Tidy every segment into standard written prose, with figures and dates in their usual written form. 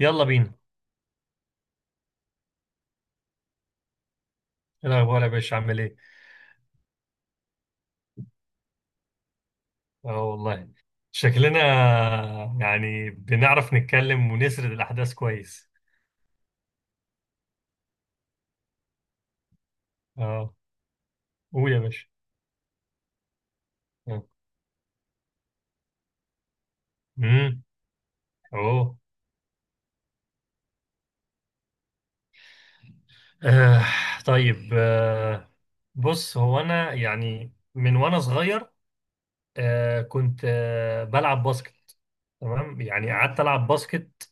يلا بينا. ايه الاخبار يا باشا، عامل ايه؟ اه والله شكلنا يعني بنعرف نتكلم ونسرد الاحداث كويس. اه قول يا باشا. اه امم اوه آه. طيب آه. بص، هو انا يعني من وانا صغير، كنت بلعب باسكت. تمام، يعني قعدت العب باسكت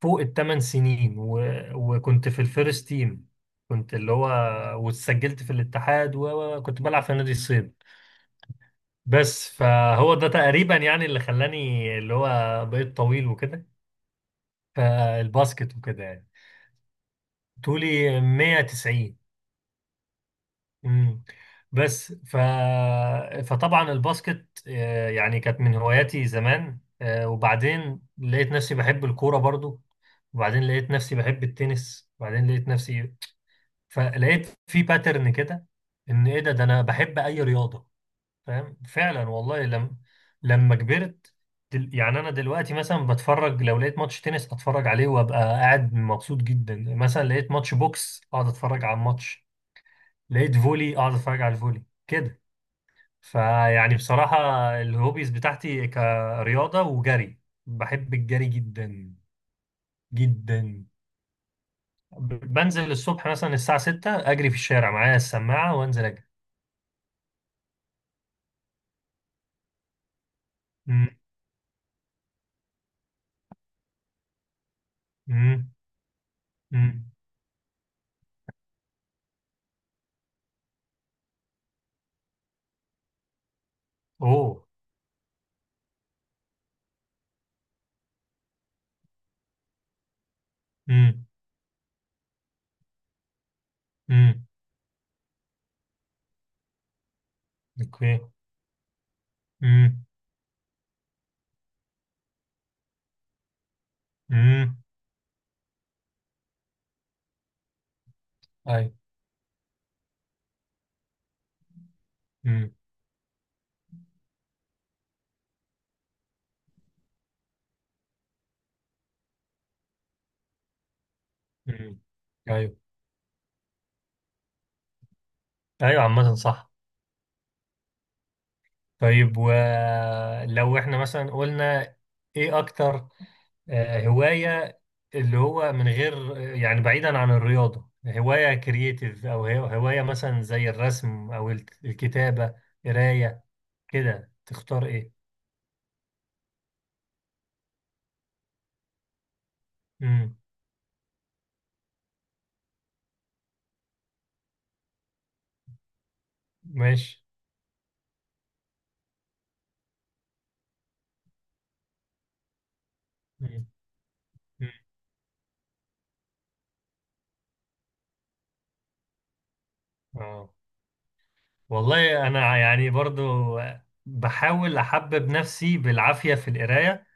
فوق الثمان سنين وكنت في الفيرست تيم. كنت اللي هو واتسجلت في الاتحاد وكنت بلعب في نادي الصيد. بس فهو ده تقريبا يعني اللي خلاني اللي هو بقيت طويل وكده، فالباسكت وكده يعني. طولي 190. امم بس ف فطبعا الباسكت يعني كانت من هواياتي زمان، وبعدين لقيت نفسي بحب الكورة برضو، وبعدين لقيت نفسي بحب التنس، وبعدين لقيت نفسي، فلقيت في باترن كده، ان ايه، ده انا بحب اي رياضة، فاهم؟ فعلا والله لم لما كبرت، يعني انا دلوقتي مثلا بتفرج، لو لقيت ماتش تنس اتفرج عليه وابقى قاعد مبسوط جدا، مثلا لقيت ماتش بوكس اقعد اتفرج على الماتش، لقيت فولي اقعد اتفرج على الفولي كده. فيعني بصراحة الهوبيز بتاعتي كرياضة وجري. بحب الجري جدا جدا. بنزل الصبح مثلا الساعة 6 اجري في الشارع، معايا السماعة وانزل اجري. مم، مم، مم. اوه امم امم اوكي امم امم ايوه. امم امم ايوه، ايوه عامة صح. طيب، ولو احنا مثلا قلنا ايه اكتر هواية، اللي هو من غير يعني بعيدا عن الرياضة، هواية كرييتيف، او هواية مثلا زي الرسم، او الكتابة، قراية كده، تختار ايه؟ امم ماشي. مم. مم. اه والله انا يعني برضو بحاول احبب نفسي بالعافية في القراية،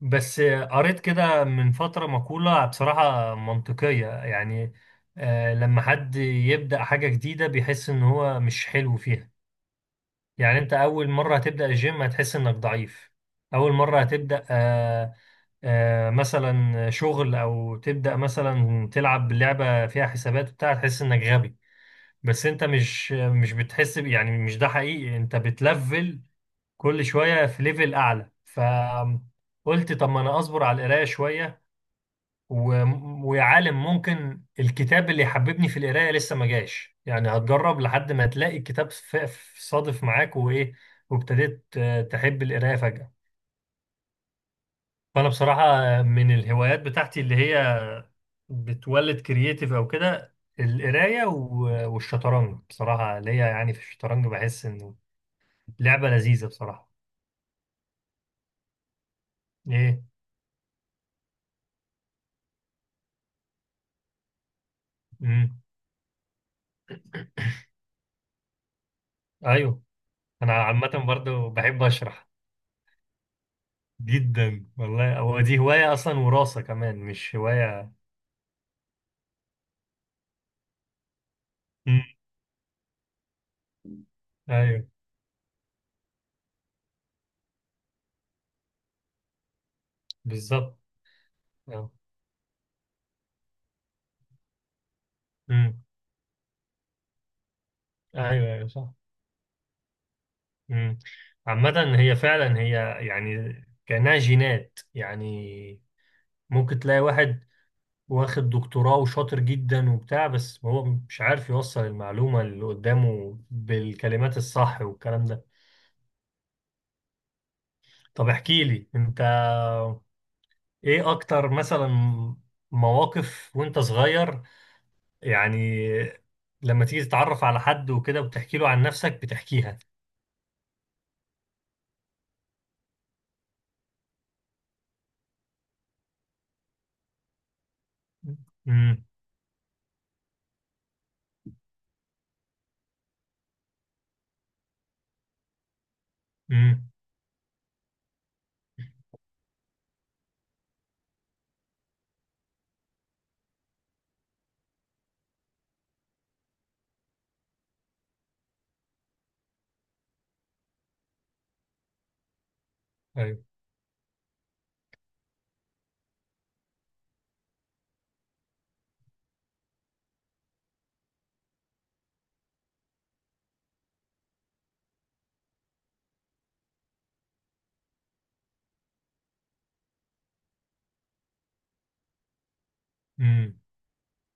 بس قريت كده من فترة مقولة بصراحة منطقية يعني، لما حد يبدأ حاجة جديدة بيحس إن هو مش حلو فيها. يعني أنت أول مرة هتبدأ الجيم هتحس إنك ضعيف، أول مرة هتبدأ مثلا شغل، أو تبدأ مثلا تلعب لعبة فيها حسابات وبتاع تحس إنك غبي. بس أنت مش يعني مش ده حقيقي، أنت بتلفل كل شوية في ليفل أعلى. قلت طب ما انا اصبر على القرايه شويه و... ويا عالم، ممكن الكتاب اللي يحببني في القراية لسه ما جاش، يعني هتجرب لحد ما تلاقي الكتاب صادف معاك وإيه، وابتديت تحب القراية فجأة. فأنا بصراحة من الهوايات بتاعتي اللي هي بتولد كرييتيف أو كده القراية والشطرنج. بصراحة ليا يعني في الشطرنج بحس إنه لعبة لذيذة بصراحة. إيه؟ مم. أيوه. أنا عامة برضو بحب أشرح. جدا والله، هو دي هواية أصلا، وراثة كمان مش هواية. مم. أيوه بالظبط. أه. مم. أيوه أيوه صح. مم. عامة هي فعلا هي يعني كأنها جينات يعني. ممكن تلاقي واحد واخد دكتوراه وشاطر جدا وبتاع، بس هو مش عارف يوصل المعلومة اللي قدامه بالكلمات الصح والكلام ده. طب احكي لي أنت، إيه أكتر مثلا مواقف وأنت صغير، يعني لما تيجي تتعرف على حد وكده وتحكي له عن نفسك بتحكيها؟ امم امم ايوه امم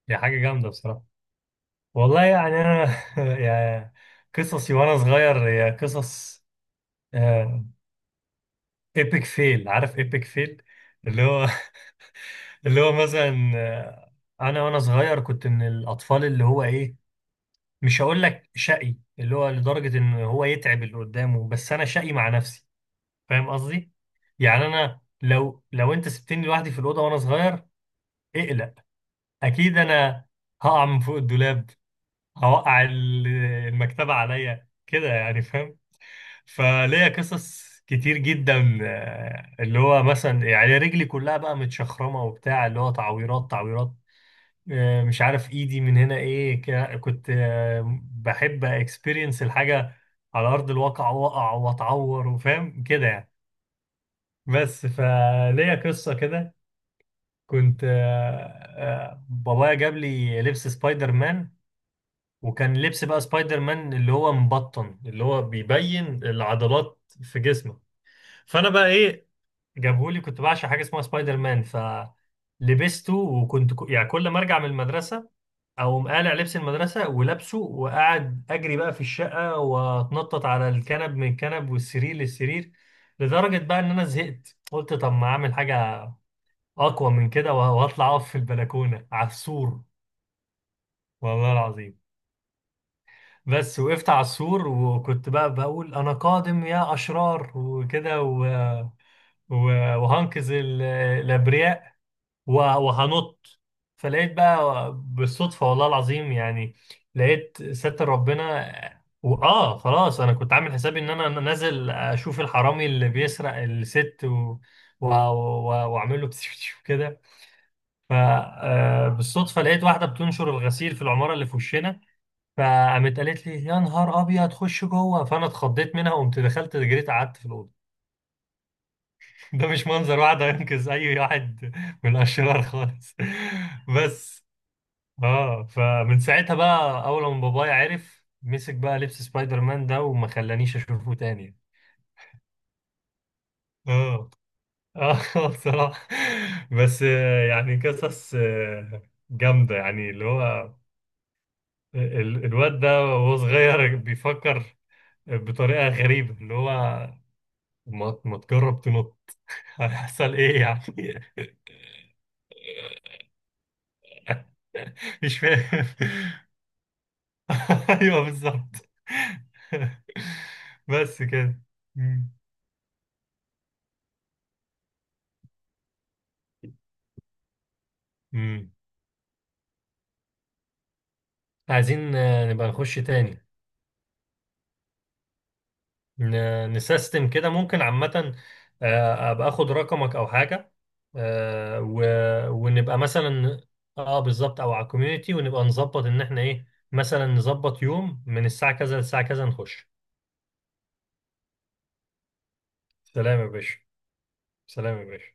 دي حاجه جامده بصراحه. والله يعني انا يا قصصي وانا صغير يا قصص. ايبك فيل، عارف ايبك فيل؟ اللي هو اللي هو مثلا انا وانا صغير كنت من الاطفال اللي هو ايه، مش هقول لك شقي اللي هو لدرجه ان هو يتعب اللي قدامه، بس انا شقي مع نفسي، فاهم قصدي؟ يعني انا لو انت سبتني لوحدي في الاوضه وانا صغير، اقلق، اكيد انا هقع من فوق الدولاب، هوقع ال- المكتبه عليا كده، يعني فاهم؟ فليا قصص كتير جدا اللي هو مثلا يعني رجلي كلها بقى متشخرمه وبتاع، اللي هو تعويرات تعويرات، مش عارف ايدي من هنا ايه، كنت بحب اكسبيرينس الحاجه على ارض الواقع، واقع واتعور وفاهم كده يعني. بس فليا قصة كده، كنت بابايا جاب لي لبس سبايدر مان، وكان لبس بقى سبايدر مان اللي هو مبطن، اللي هو بيبين العضلات في جسمه. فأنا بقى إيه، جابهولي، كنت بعشق حاجة اسمها سبايدر مان، فلبسته، وكنت يعني كل ما أرجع من المدرسة أقوم قالع لبس المدرسة ولابسه، وقاعد أجري بقى في الشقة وأتنطط على الكنب، من الكنب والسرير للسرير، لدرجة بقى إن أنا زهقت قلت طب ما أعمل حاجة اقوى من كده واطلع اقف في البلكونه على السور. والله العظيم، بس وقفت على السور وكنت بقى بقول انا قادم يا اشرار وكده وهنقذ الابرياء وهنط. فلقيت بقى بالصدفه، والله العظيم يعني لقيت ستر ربنا، واه خلاص انا كنت عامل حسابي ان انا نازل اشوف الحرامي اللي بيسرق الست و... و... واعمل له كده. فبالصدفة لقيت واحدة بتنشر الغسيل في العمارة اللي في وشنا، فقامت قالت لي يا نهار أبيض، خش جوه. فأنا اتخضيت منها وقمت دخلت جريت قعدت في الأوضة. ده مش منظر واحد هينقذ أي واحد من الأشرار خالص. بس. اه فمن ساعتها بقى، أول ما بابايا عرف مسك بقى لبس سبايدر مان ده وما خلانيش أشوفه تاني. اه اه بصراحة. بس يعني قصص جامدة يعني، اللي هو الواد ده وهو صغير بيفكر بطريقة غريبة، اللي هو ما تجرب تنط، هيحصل ايه يعني؟ مش فاهم. ايوه بالظبط. بس كده. مم. مم. عايزين نبقى نخش تاني. نسيستم كده ممكن عامة، ابقى اخد رقمك او حاجة، ونبقى مثلا، اه بالظبط، او على الكوميونتي، ونبقى نظبط ان احنا ايه، مثلا نظبط يوم من الساعة كذا للساعة كذا نخش. سلام يا باشا. سلام يا باشا.